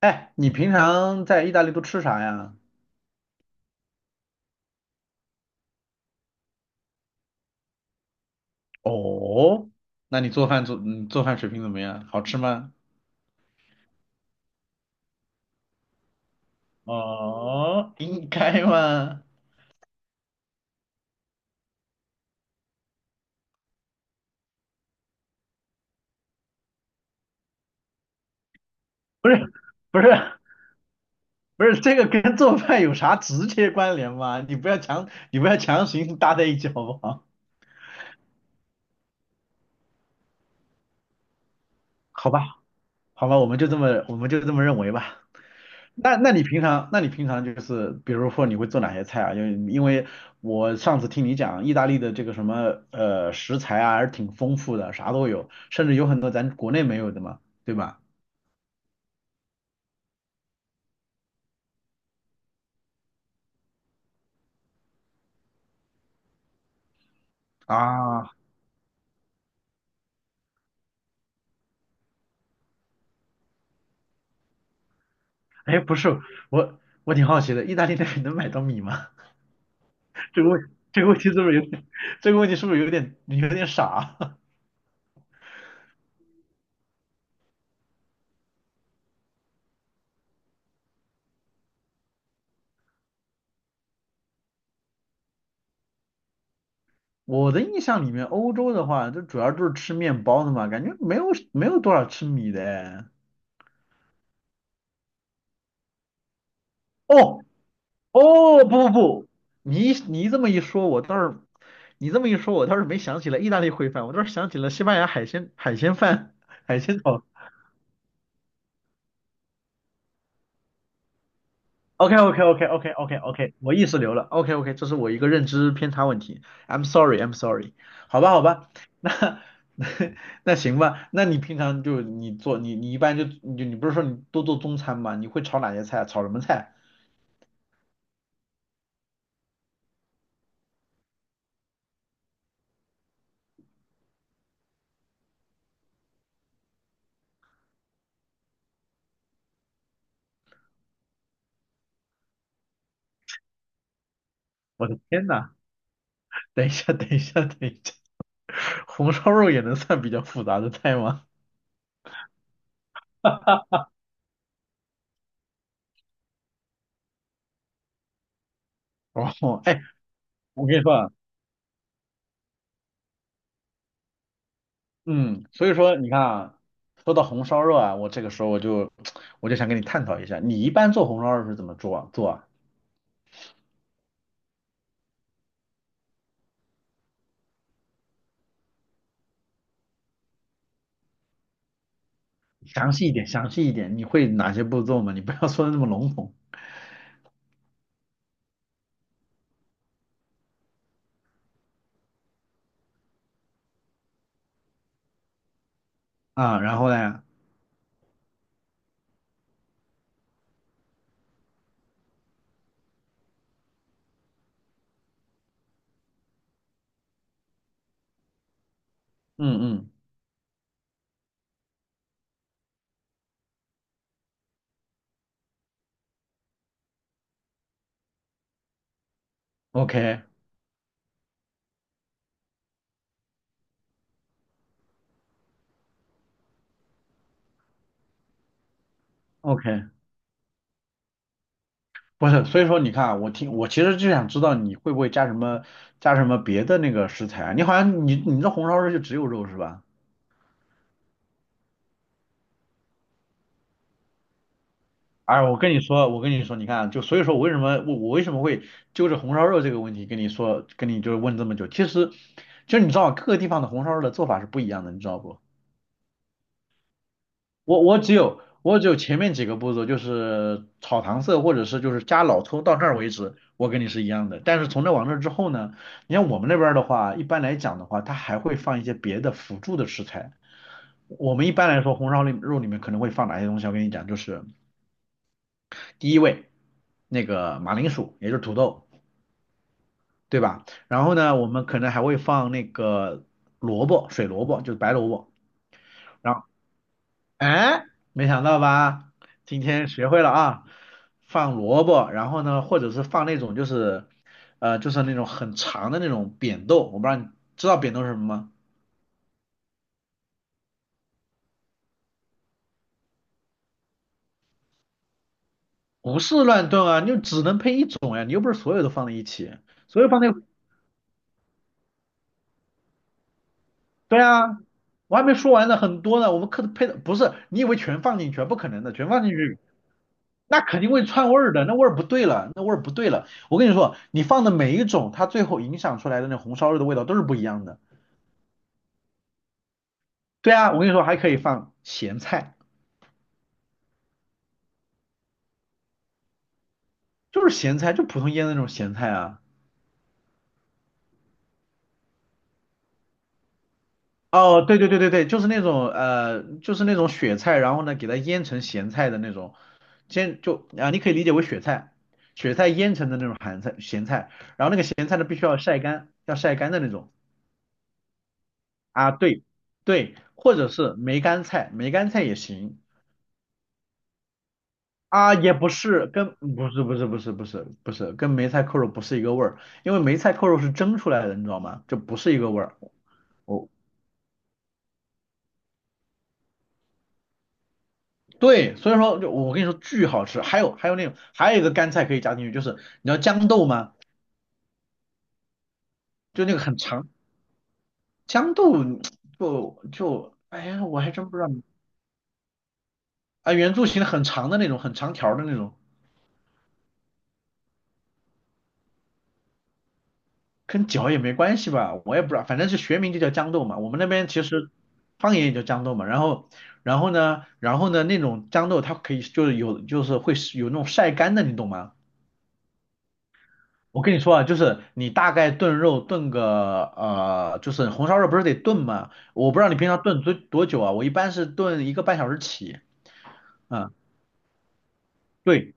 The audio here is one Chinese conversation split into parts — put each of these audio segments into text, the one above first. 哎，你平常在意大利都吃啥呀？哦，那你做饭水平怎么样？好吃吗？哦，应该吗？不是，不是，不是，这个跟做饭有啥直接关联吗？你不要强行搭在一起好不好？好吧，好吧，我们就这么认为吧。那你平常，那你平常就是，比如说你会做哪些菜啊？因为我上次听你讲，意大利的这个什么食材啊，还是挺丰富的，啥都有，甚至有很多咱国内没有的嘛，对吧？啊，哎，不是，我我挺好奇的，意大利那边能买到米吗？这个问题是不是有点，这个问题是不是有点傻？我的印象里面，欧洲的话，就主要就是吃面包的嘛，感觉没有多少吃米的哎。哦，哦，不不不，你这么一说，我倒是，你这么一说，我倒是没想起来意大利烩饭，我倒是想起了西班牙海鲜饭、海鲜哦。OK OK OK OK OK OK，我意识流了。OK OK，这是我一个认知偏差问题。I'm sorry, I'm sorry。好吧，好吧，那 那行吧，那你平常就你做你你一般就你就你不是说你多做中餐吗？你会炒哪些菜啊炒什么菜？我的天呐，等一下，等一下，等一下，红烧肉也能算比较复杂的菜吗？哦，哎，我跟你说啊，嗯，所以说你看啊，说到红烧肉啊，我这个时候我就 我就想跟你探讨一下，你一般做红烧肉是怎么做啊？做啊？详细一点，详细一点，你会哪些步骤吗？你不要 说的那么笼统啊。然后呢，嗯嗯OK OK，不是，所以说你看啊我其实就想知道你会不会加什么别的那个食材啊？你好像你你这红烧肉就只有肉是吧？哎，我跟你说，我跟你说，你看啊，就所以说我为什么会揪着红烧肉这个问题跟你就是问这么久，其实就你知道各个地方的红烧肉的做法是不一样的，你知道不？我只有前面几个步骤，就是炒糖色或者是就是加老抽到这儿为止，我跟你是一样的。但是从这往那之后呢，你像我们那边儿的话，一般来讲的话，它还会放一些别的辅助的食材。我们一般来说红烧里肉里面可能会放哪些东西？我跟你讲，就是。第一位那个马铃薯，也就是土豆，对吧？然后呢，我们可能还会放那个萝卜，水萝卜，就是白萝卜。然后，哎，没想到吧？今天学会了啊，放萝卜，然后呢，或者是放那种就是那种很长的那种扁豆，我不知道你知道扁豆是什么吗？不是乱炖啊，你就只能配一种呀，你又不是所有都放在一起，所有放在对啊，我还没说完呢，很多呢。我们课的配的不是，你以为全放进去啊，不可能的，全放进去那肯定会串味儿的，那味儿不对了，那味儿不对了。我跟你说，你放的每一种，它最后影响出来的那红烧肉的味道都是不一样的。对啊，我跟你说，还可以放咸菜，就是咸菜，就普通腌的那种咸菜啊。哦，对，对，对，对，对，就是那种呃，就是那种雪菜，然后呢，给它腌成咸菜的那种，先就啊，你可以理解为雪菜，雪菜腌成的那种咸菜，然后那个咸菜呢，必须要晒干，要晒干的那种啊，对，对，或者是梅干菜，梅干菜也行啊，也不是跟不是不是不是不是不是跟梅菜扣肉不是一个味儿，因为梅菜扣肉是蒸出来的，你知道吗？就不是一个味儿。我。对，所以说就我跟你说巨好吃，还有那种还有一个干菜可以加进去，就是你知道豇豆吗？就那个很长豇豆就哎呀，我还真不知道啊，圆柱形的很长的那种，很长条的那种，跟脚也没关系吧？我也不知道，反正是学名就叫豇豆嘛，我们那边其实方言也叫豇豆嘛。然后然后呢,那种豇豆它可以就是有就是会是有那种晒干的，你懂吗？我跟你说啊，就是你大概炖肉炖个就是红烧肉不是得炖吗？我不知道你平常炖多久啊，我一般是炖一个半小时起，嗯，对，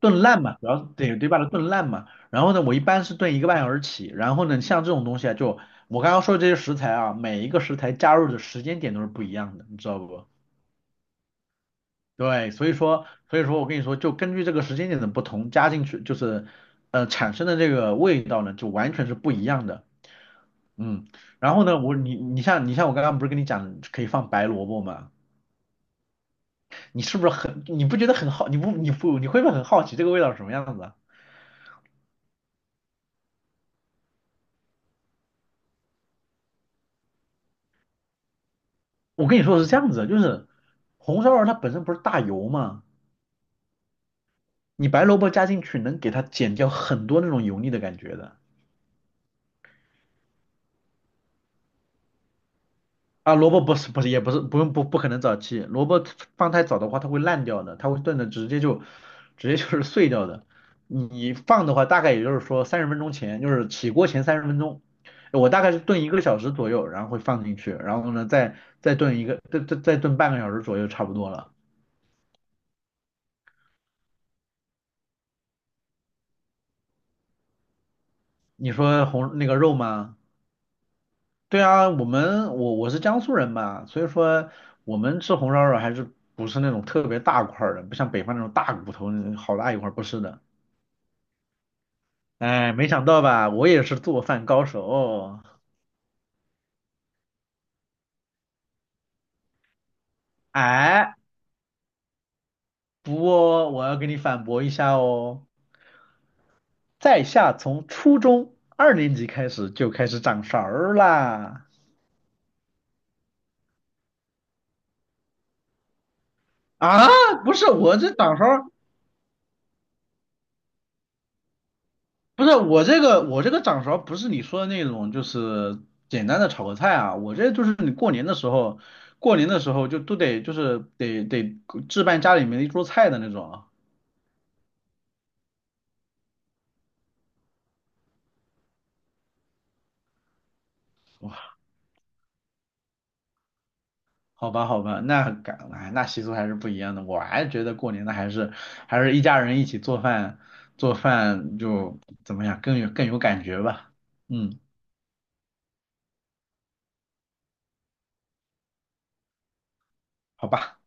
炖烂嘛，主要是得把它炖烂嘛。然后呢，我一般是炖一个半小时起，然后呢，像这种东西啊，就我刚刚说的这些食材啊，每一个食材加入的时间点都是不一样的，你知道不？对，所以说，我跟你说，就根据这个时间点的不同，加进去就是，产生的这个味道呢，就完全是不一样的。嗯，然后呢，我你你像你像我刚刚不是跟你讲可以放白萝卜吗？你不觉得很好？你会不会很好奇这个味道是什么样子啊？我跟你说是这样子的，就是红烧肉它本身不是大油吗？你白萝卜加进去能给它减掉很多那种油腻的感觉的。啊，萝卜不是也不是不用不可能早期，萝卜放太早的话它会烂掉的，它会炖的直接就是 碎掉的。你放的话大概也就是说三十分钟前，就是起锅前三十分钟，我大概是炖一个小时左右，然后会放进去，然后呢再炖半个小时左右差不多了。你说那个肉吗？对啊，我们我我是江苏人嘛，所以说我们吃红烧肉还是不是那种特别大块儿的，不像北方那种大骨头好大一块儿不是的。哎，没想到吧，我也是做饭高手哦。哎，不过我要给你反驳一下哦，在下从初中二年级开始就开始掌勺儿啦。啊，不是我这掌勺儿，不是我这个掌勺儿不是你说的那种，就是简单的炒个菜啊。我这就是你过年的时候，过年的时候就都得就是得置办家里面的一桌菜的那种啊。好吧，好吧，哎，那习俗还是不一样的。我还是觉得过年的还是一家人一起做饭，做饭就怎么样更有感觉吧。嗯，好吧，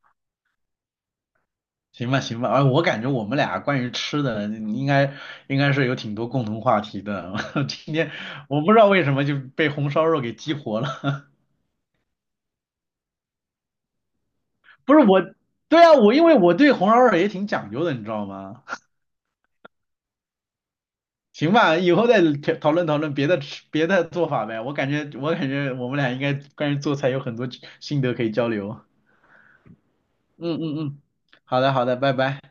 行吧，行吧。哎，我感觉我们俩关于吃的应该是有挺多共同话题的。今天我不知道为什么就被红烧肉给激活了。不是我，对啊，因为我对红烧肉也挺讲究的，你知道吗？行吧，以后再讨论讨论别的做法呗。我感觉我们俩应该关于做菜有很多心得可以交流。嗯嗯嗯，好的好的，拜拜。